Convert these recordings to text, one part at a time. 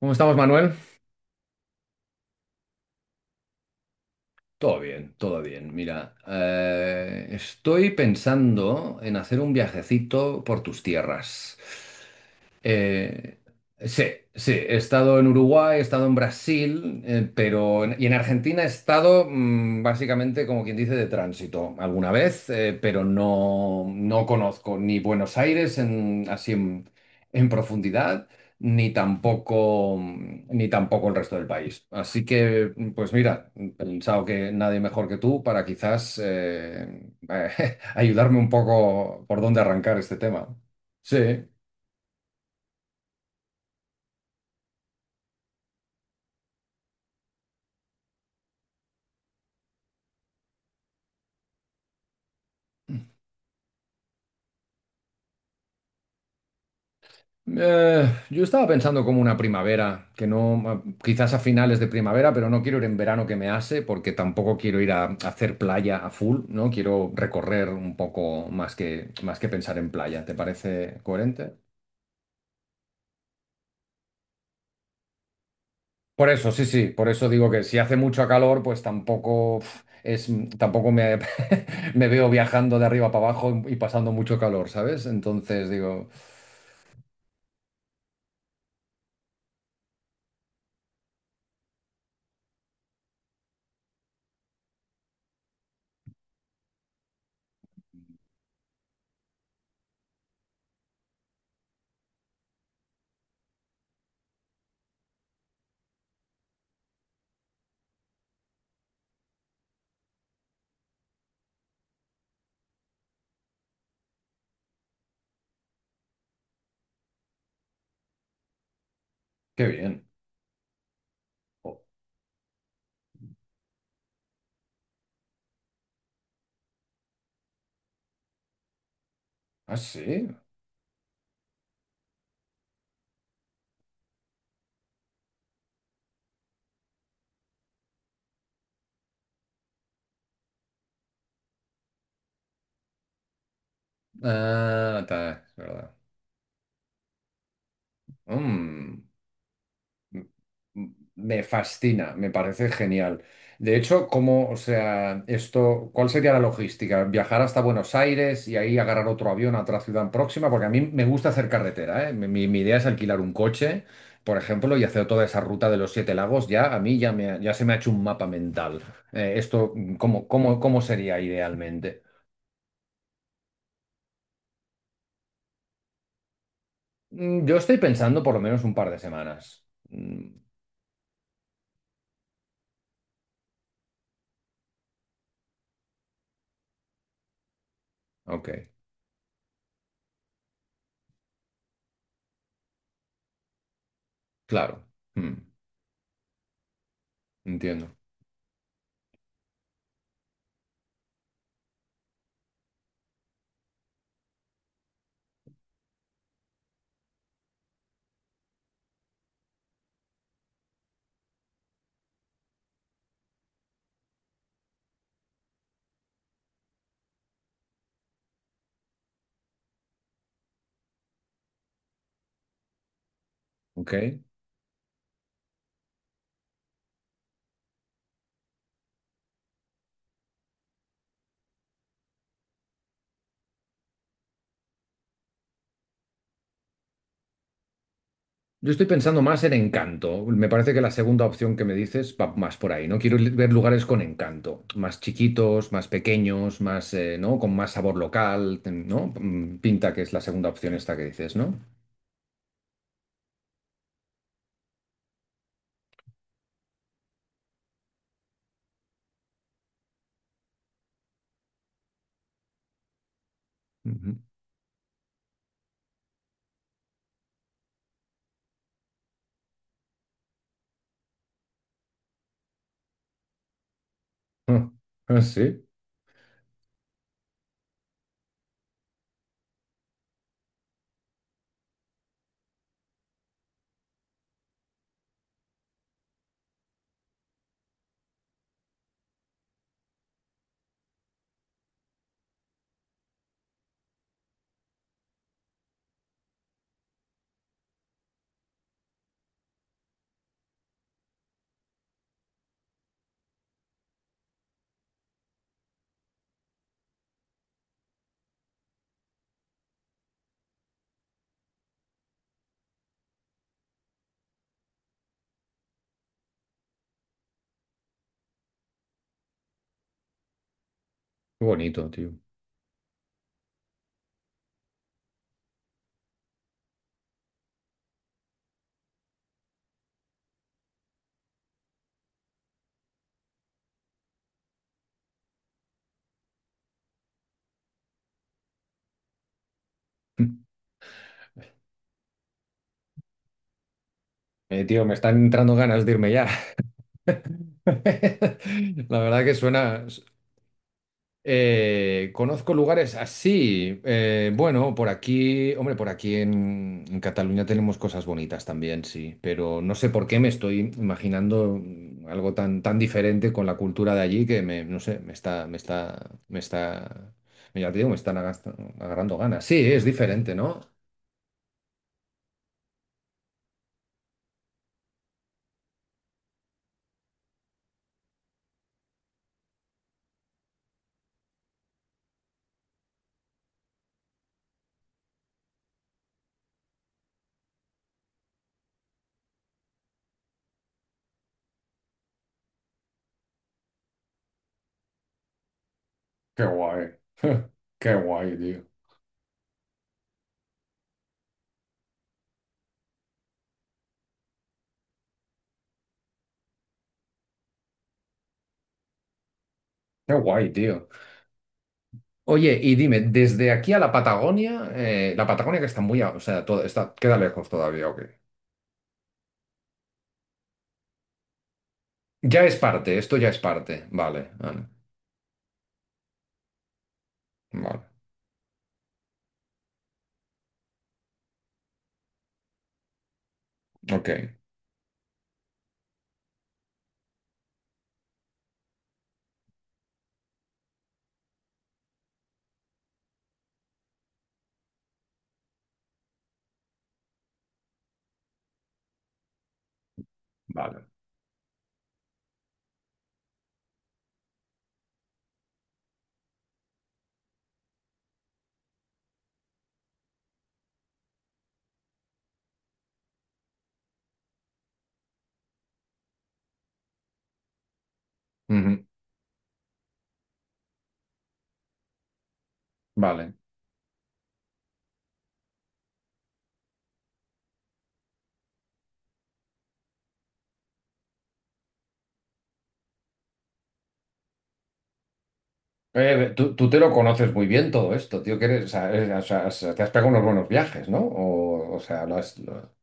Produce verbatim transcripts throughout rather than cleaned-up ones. ¿Cómo estamos, Manuel? Todo bien, todo bien. Mira, eh, estoy pensando en hacer un viajecito por tus tierras. Eh, sí, sí, he estado en Uruguay, he estado en Brasil, eh, pero en- y en Argentina he estado mm, básicamente, como quien dice, de tránsito alguna vez. Eh, pero no, no conozco ni Buenos Aires en, así en, en profundidad, ni tampoco, mm, ni tampoco el resto del país. Así que, mm, pues mira, he pensado que nadie mejor que tú para, quizás eh, ayudarme un poco por dónde arrancar este tema. Sí. Eh, yo estaba pensando como una primavera, que no, ah, quizás a finales de primavera, pero no quiero ir en verano, que me hace, porque tampoco quiero ir a, a hacer playa a full, ¿no? Quiero recorrer un poco más que, más que pensar en playa. ¿Te parece coherente? Por eso, sí, sí, por eso digo que si hace mucho calor, pues tampoco, pf, es, tampoco me, me veo viajando de arriba para abajo y pasando mucho calor, ¿sabes? Entonces digo, qué bien. Oh, ah, sí. Ah, ta- es verdad. Mm. Me fascina, me parece genial. De hecho, ¿cómo, o sea, esto, cuál sería la logística? ¿Viajar hasta Buenos Aires y ahí agarrar otro avión a otra ciudad próxima? Porque a mí me gusta hacer carretera, ¿eh? Mi, mi- mi idea es alquilar un coche, por ejemplo, y hacer toda esa ruta de los Siete Lagos. Ya, a mí ya, me, ha- ya se me ha hecho un mapa mental. Eh, esto, ¿cómo, cómo, cómo sería idealmente? Mm, Yo estoy pensando por lo menos un par de semanas. Mm, ok, claro. Mm, entiendo. Ok. Yo estoy pensando más en encanto. Me parece que la segunda opción que me dices va más por ahí, ¿no? Quiero li- ver lugares con encanto, más chiquitos, más pequeños, más, eh, ¿no? Con más sabor local, ¿no? Mm, pinta que es la segunda opción esta que dices, ¿no? Ujú. Ah, ah, sí, qué bonito, tío. Eh, tío, me están entrando ganas de irme ya. La verdad que suena... Eh, conozco lugares así. Eh, bueno, por aquí, hombre, por aquí en, en Cataluña tenemos cosas bonitas también, sí, pero no sé por qué me estoy imaginando, mm, algo tan, tan diferente con la cultura de allí que me, no sé, me está, me está, me está, ya te digo, me están agasta- agarrando ganas. Sí, es diferente, ¿no? Qué guay. Qué guay, tío. Qué guay, tío. Oye, y dime, desde aquí a la Patagonia, eh, la Patagonia, que está muy, a- o sea, todo, está, queda lejos todavía, ¿ok? Ya es parte, esto ya es parte. Vale, vale, vale. Ok, vale. Ujú, vale. Eh, tú, tú te lo conoces muy bien todo esto, tío, que eres, o sea, eres... o sea, o sea, te has pegado unos buenos viajes, ¿no? O, o sea, lo has- lo-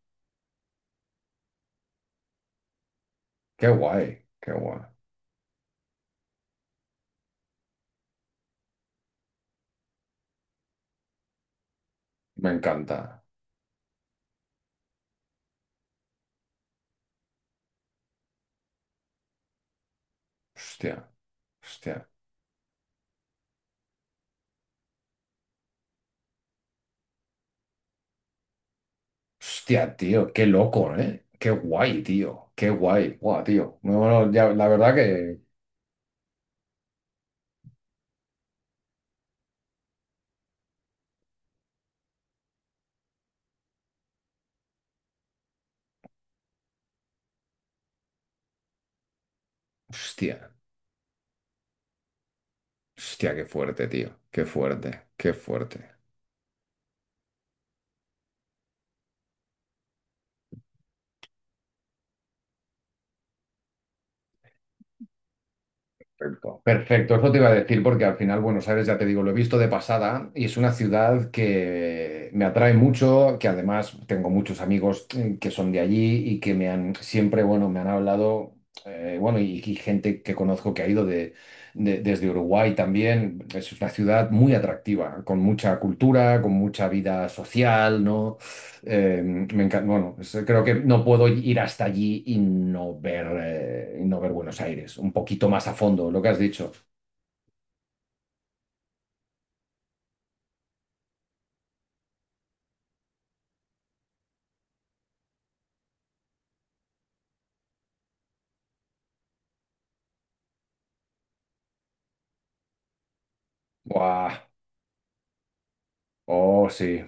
qué guay, qué guay. Me encanta. Hostia, hostia. Hostia, tío, qué loco, ¿eh? Qué guay, tío. Qué guay. Guau, tío. No, no, ya, la verdad que... Hostia, hostia, qué fuerte, tío. Qué fuerte, qué fuerte. Perfecto, perfecto, eso te iba a decir porque, al final, Buenos Aires, ya te digo, lo he visto de pasada y es una ciudad que me atrae mucho, que además tengo muchos amigos eh, que son de allí y que me han siempre, bueno, me han hablado. eh, bueno, y, y gente que conozco que ha ido de, de- desde Uruguay también. Es una ciudad muy atractiva, con mucha cultura, con mucha vida social, ¿no? Eh, me encanta, bueno, es- creo que no puedo ir hasta allí y no ver, eh, y no ver Buenos Aires un poquito más a fondo, lo que has dicho. Buah, oh, sí.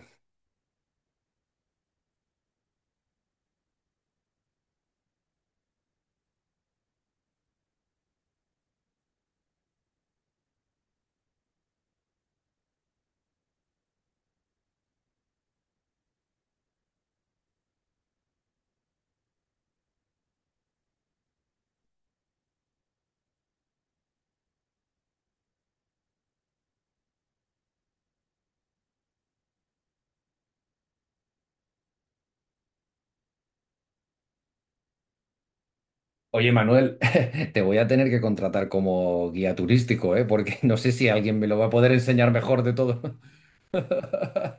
Oye, Manuel, te voy a tener que contratar como guía turístico, ¿eh? Porque no sé si alguien me lo va a poder enseñar mejor de todo.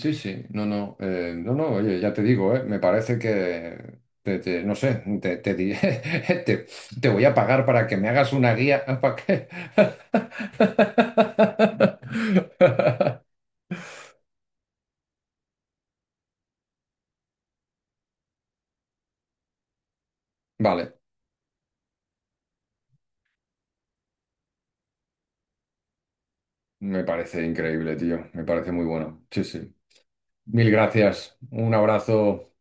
Sí, sí, no, no, eh, no, no, oye, ya te digo, eh, me parece que, te, te- no sé, te, te diré, te, te voy a pagar para que me hagas una guía. ¿Para qué? Vale, me parece increíble, tío, me parece muy bueno, sí, sí. Mil gracias, un abrazo.